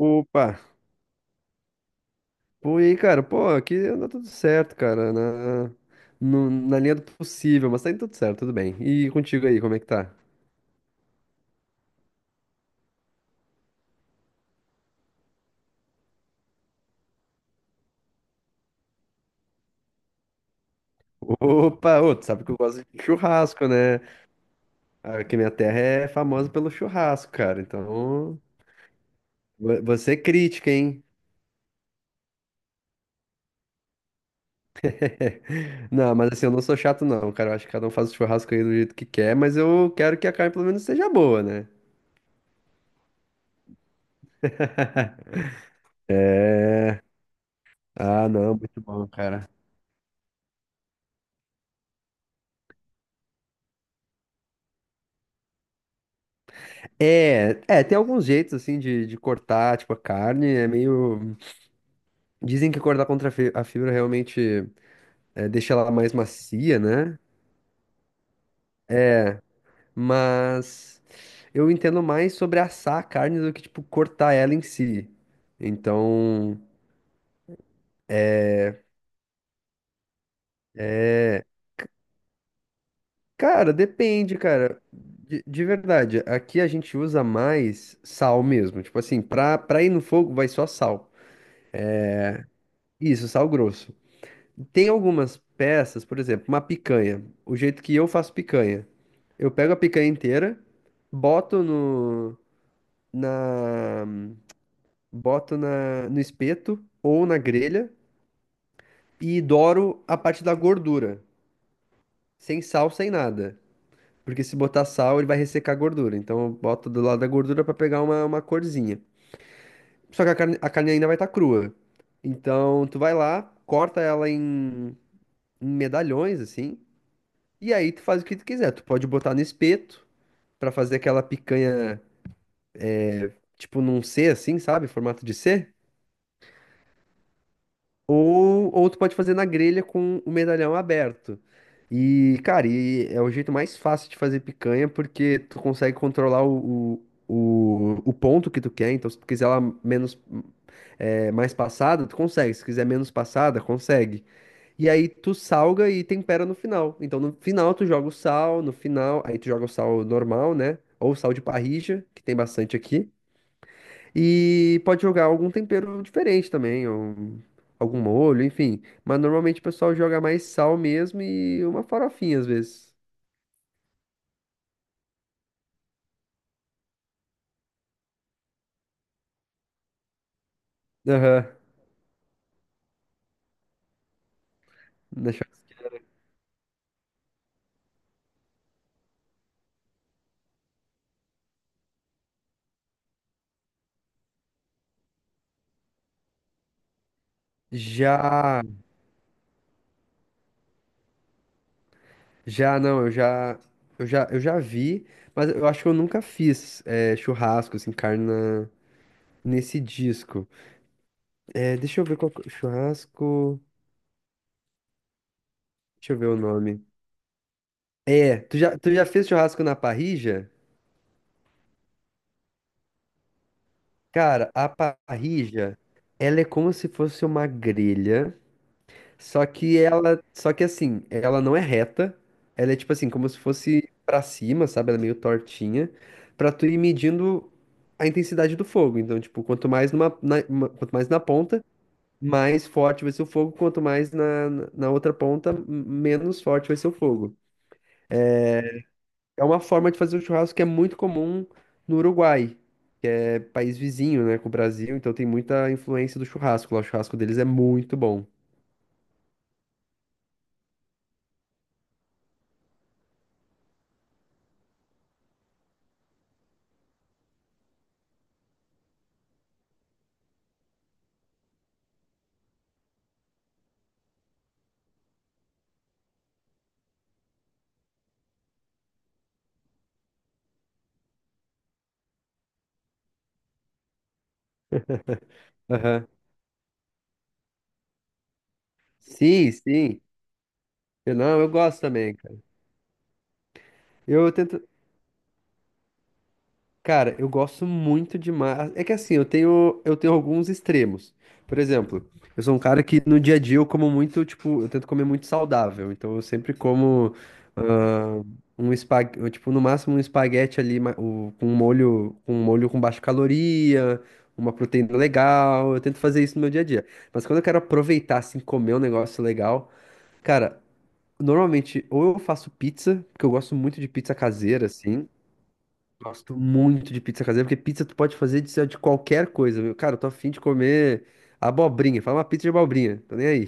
Opa! Pô, e aí, cara? Pô, aqui anda tudo certo, cara, na, no- na linha do possível, mas tá indo tudo certo, tudo bem. E contigo aí, como é que tá? Opa! Ô, tu sabe que eu gosto de churrasco, né? Aqui minha terra é famosa pelo churrasco, cara, então... Você é crítica, hein? Não, mas assim, eu não sou chato, não, cara. Eu acho que cada um faz o churrasco aí do jeito que quer, mas eu quero que a carne pelo menos seja boa, né? Ah, não, muito bom, cara. É, é, tem alguns jeitos assim de cortar, tipo, a carne, é meio. Dizem que cortar contra a fibra realmente é, deixa ela mais macia, né? Mas eu entendo mais sobre assar a carne do que, tipo, cortar ela em si. Então, é, cara, depende, cara. De verdade, aqui a gente usa mais sal mesmo. Tipo assim, pra ir no fogo vai só sal. Isso, sal grosso. Tem algumas peças, por exemplo, uma picanha. O jeito que eu faço picanha. Eu pego a picanha inteira, boto no, na, boto na, no espeto ou na grelha e douro a parte da gordura. Sem sal, sem nada. Porque se botar sal, ele vai ressecar a gordura. Então eu boto do lado da gordura pra pegar uma corzinha. Só que a carne ainda vai estar crua. Então tu vai lá, corta ela em, em medalhões, assim. E aí tu faz o que tu quiser. Tu pode botar no espeto pra fazer aquela picanha, tipo num C assim, sabe? Formato de C. Ou tu pode fazer na grelha com o medalhão aberto. E, cara, e é o jeito mais fácil de fazer picanha porque tu consegue controlar o ponto que tu quer. Então, se tu quiser ela menos, é, mais passada, tu consegue. Se quiser menos passada, consegue. E aí tu salga e tempera no final. Então no final tu joga o sal, no final, aí tu joga o sal normal, né? Ou sal de parrilla, que tem bastante aqui. E pode jogar algum tempero diferente também, ou algum molho, enfim. Mas normalmente o pessoal joga mais sal mesmo e uma farofinha às vezes. Aham. Deixa eu- Já, já não, eu já, eu já, eu já vi, mas eu acho que eu nunca fiz é, churrasco assim, carne nesse disco. É, deixa eu ver churrasco. Deixa eu ver o nome. É, tu já fez churrasco na parrilla? Cara, a parrilla, ela é como se fosse uma grelha, só que assim, ela não é reta, ela é tipo assim, como se fosse pra cima, sabe? Ela é meio tortinha, pra tu ir medindo a intensidade do fogo. Então, tipo, quanto mais na ponta, mais forte vai ser o fogo, quanto mais na na outra ponta, menos forte vai ser o fogo. É uma forma de fazer o churrasco que é muito comum no Uruguai, que é país vizinho, né, com o Brasil, então tem muita influência do churrasco lá. O churrasco deles é muito bom. Aham. Sim, sim. Eu, não, eu gosto também, cara. Eu tento, cara, eu gosto muito de mar. É que assim, eu tenho alguns extremos. Por exemplo, eu sou um cara que no dia a dia eu como muito, tipo, eu tento comer muito saudável. Então eu sempre como ah, um espaguete, tipo, no máximo um espaguete ali com um molho, com um molho com baixa caloria, uma proteína legal. Eu tento fazer isso no meu dia a dia. Mas quando eu quero aproveitar, assim, comer um negócio legal, cara, normalmente ou eu faço pizza, porque eu gosto muito de pizza caseira, assim. Gosto muito de pizza caseira, porque pizza tu pode fazer de qualquer coisa, meu. Cara, eu tô afim de comer abobrinha. Fala uma pizza de abobrinha, tô nem aí.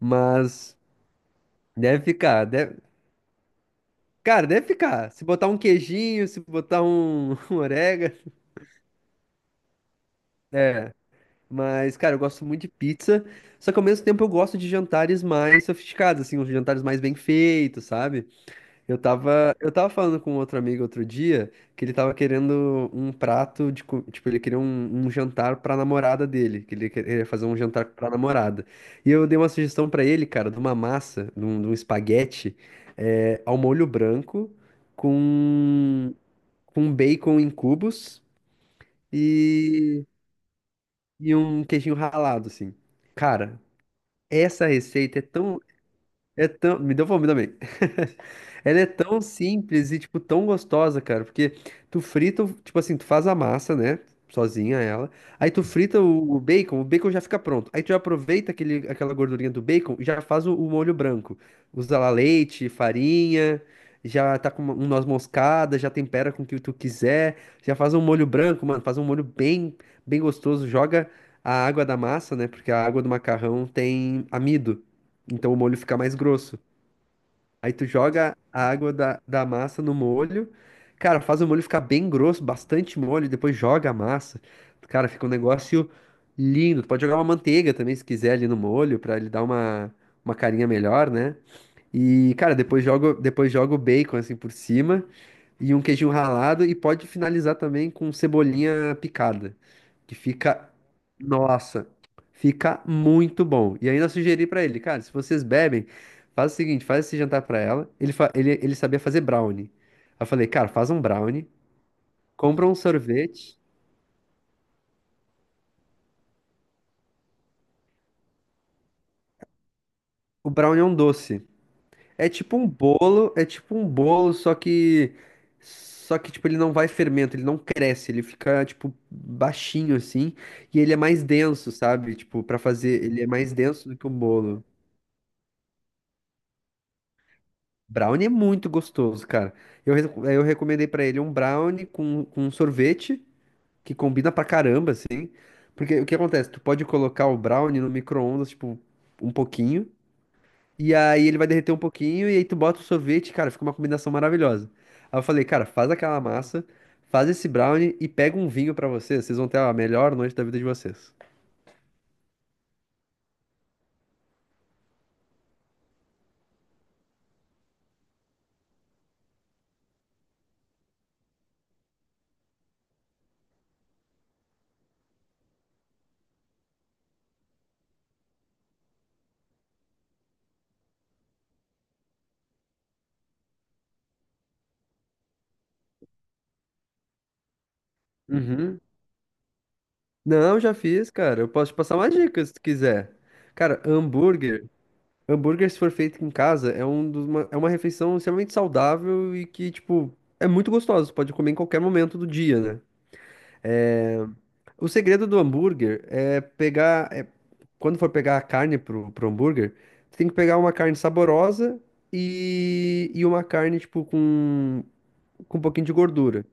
Mas deve ficar, deve... Cara, deve ficar. Se botar um queijinho, se botar um, um orégano, é. Mas, cara, eu gosto muito de pizza, só que ao mesmo tempo eu gosto de jantares mais sofisticados, assim, uns jantares mais bem feitos, sabe? Eu tava falando com outro amigo outro dia que ele tava querendo um prato tipo, ele queria um jantar pra namorada dele, que ele queria fazer um jantar pra namorada. E eu dei uma sugestão pra ele, cara, de uma massa, de um espaguete, é, ao molho branco, com, com bacon em cubos e, e um queijinho ralado, assim. Cara, essa receita é tão... Me deu fome também. Ela é tão simples e, tipo, tão gostosa, cara. Porque tu frita, tipo assim, tu faz a massa, né? Sozinha ela. Aí tu frita o bacon já fica pronto. Aí tu já aproveita aquele, aquela gordurinha do bacon e já faz o molho branco. Usa lá leite, farinha, já tá com um noz moscada, já tempera com o que tu quiser. Já faz um molho branco, mano. Faz um molho bem, bem gostoso. Joga a água da massa, né? Porque a água do macarrão tem amido. Então o molho fica mais grosso. Aí tu joga a água da massa no molho. Cara, faz o molho ficar bem grosso, bastante molho, depois joga a massa. Cara, fica um negócio lindo. Tu pode jogar uma manteiga também, se quiser, ali no molho, pra ele dar uma carinha melhor, né? E, cara, depois jogo o bacon assim por cima e um queijinho ralado e pode finalizar também com cebolinha picada, que fica, nossa, fica muito bom. E ainda sugeri pra ele, cara, se vocês bebem, faz o seguinte, faz esse jantar pra ela. Ele sabia fazer brownie. Aí eu falei, cara, faz um brownie, compra um sorvete. O brownie é um doce. É tipo um bolo, é tipo um bolo, só que tipo ele não vai fermento, ele não cresce, ele fica tipo baixinho assim, e ele é mais denso, sabe? Tipo, pra fazer, ele é mais denso do que um bolo. Brownie é muito gostoso, cara. Eu recomendei pra ele um brownie com um sorvete que combina pra caramba assim, porque o que acontece? Tu pode colocar o brownie no micro-ondas, tipo, um pouquinho. E aí ele vai derreter um pouquinho e aí tu bota o sorvete, cara, fica uma combinação maravilhosa. Aí eu falei, cara, faz aquela massa, faz esse brownie e pega um vinho pra vocês, vocês vão ter a melhor noite da vida de vocês. Uhum. Não, já fiz, cara. Eu posso te passar uma dica se tu quiser. Cara, hambúrguer, hambúrguer se for feito em casa é um é uma refeição extremamente saudável e que, tipo, é muito gostosa, tu pode comer em qualquer momento do dia, né? É, o segredo do hambúrguer é pegar. É quando for pegar a carne pro hambúrguer, tu tem que pegar uma carne saborosa e uma carne, tipo, com um pouquinho de gordura.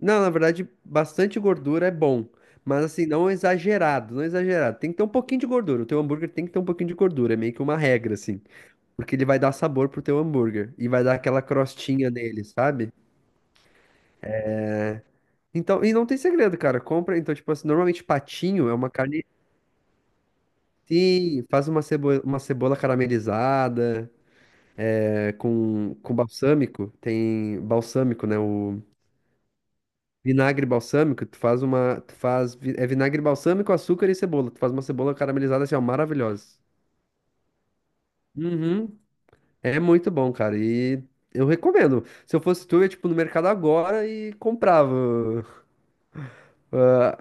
Não, na verdade, bastante gordura é bom. Mas assim, não exagerado, não exagerado. Tem que ter um pouquinho de gordura. O teu hambúrguer tem que ter um pouquinho de gordura. É meio que uma regra, assim. Porque ele vai dar sabor pro teu hambúrguer. E vai dar aquela crostinha nele, sabe? Então, e não tem segredo, cara. Compra. Então, tipo assim, normalmente patinho é uma carne. Sim, faz uma cebola caramelizada, é, com balsâmico, tem balsâmico, né? O vinagre balsâmico, tu faz uma, é vinagre balsâmico, açúcar e cebola, tu faz uma cebola caramelizada assim, ó, maravilhosa. Uhum. É muito bom, cara, e eu recomendo. Se eu fosse tu, eu ia, tipo, no mercado agora e comprava. Ah,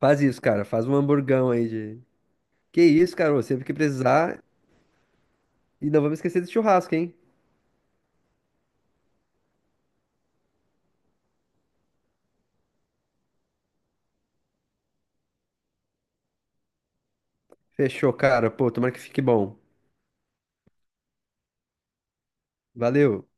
faz isso, cara, faz um hamburgão aí de... Que isso, cara, ô, sempre que precisar, e não vamos esquecer do churrasco, hein? Fechou, cara, pô, tomara que fique bom. Valeu.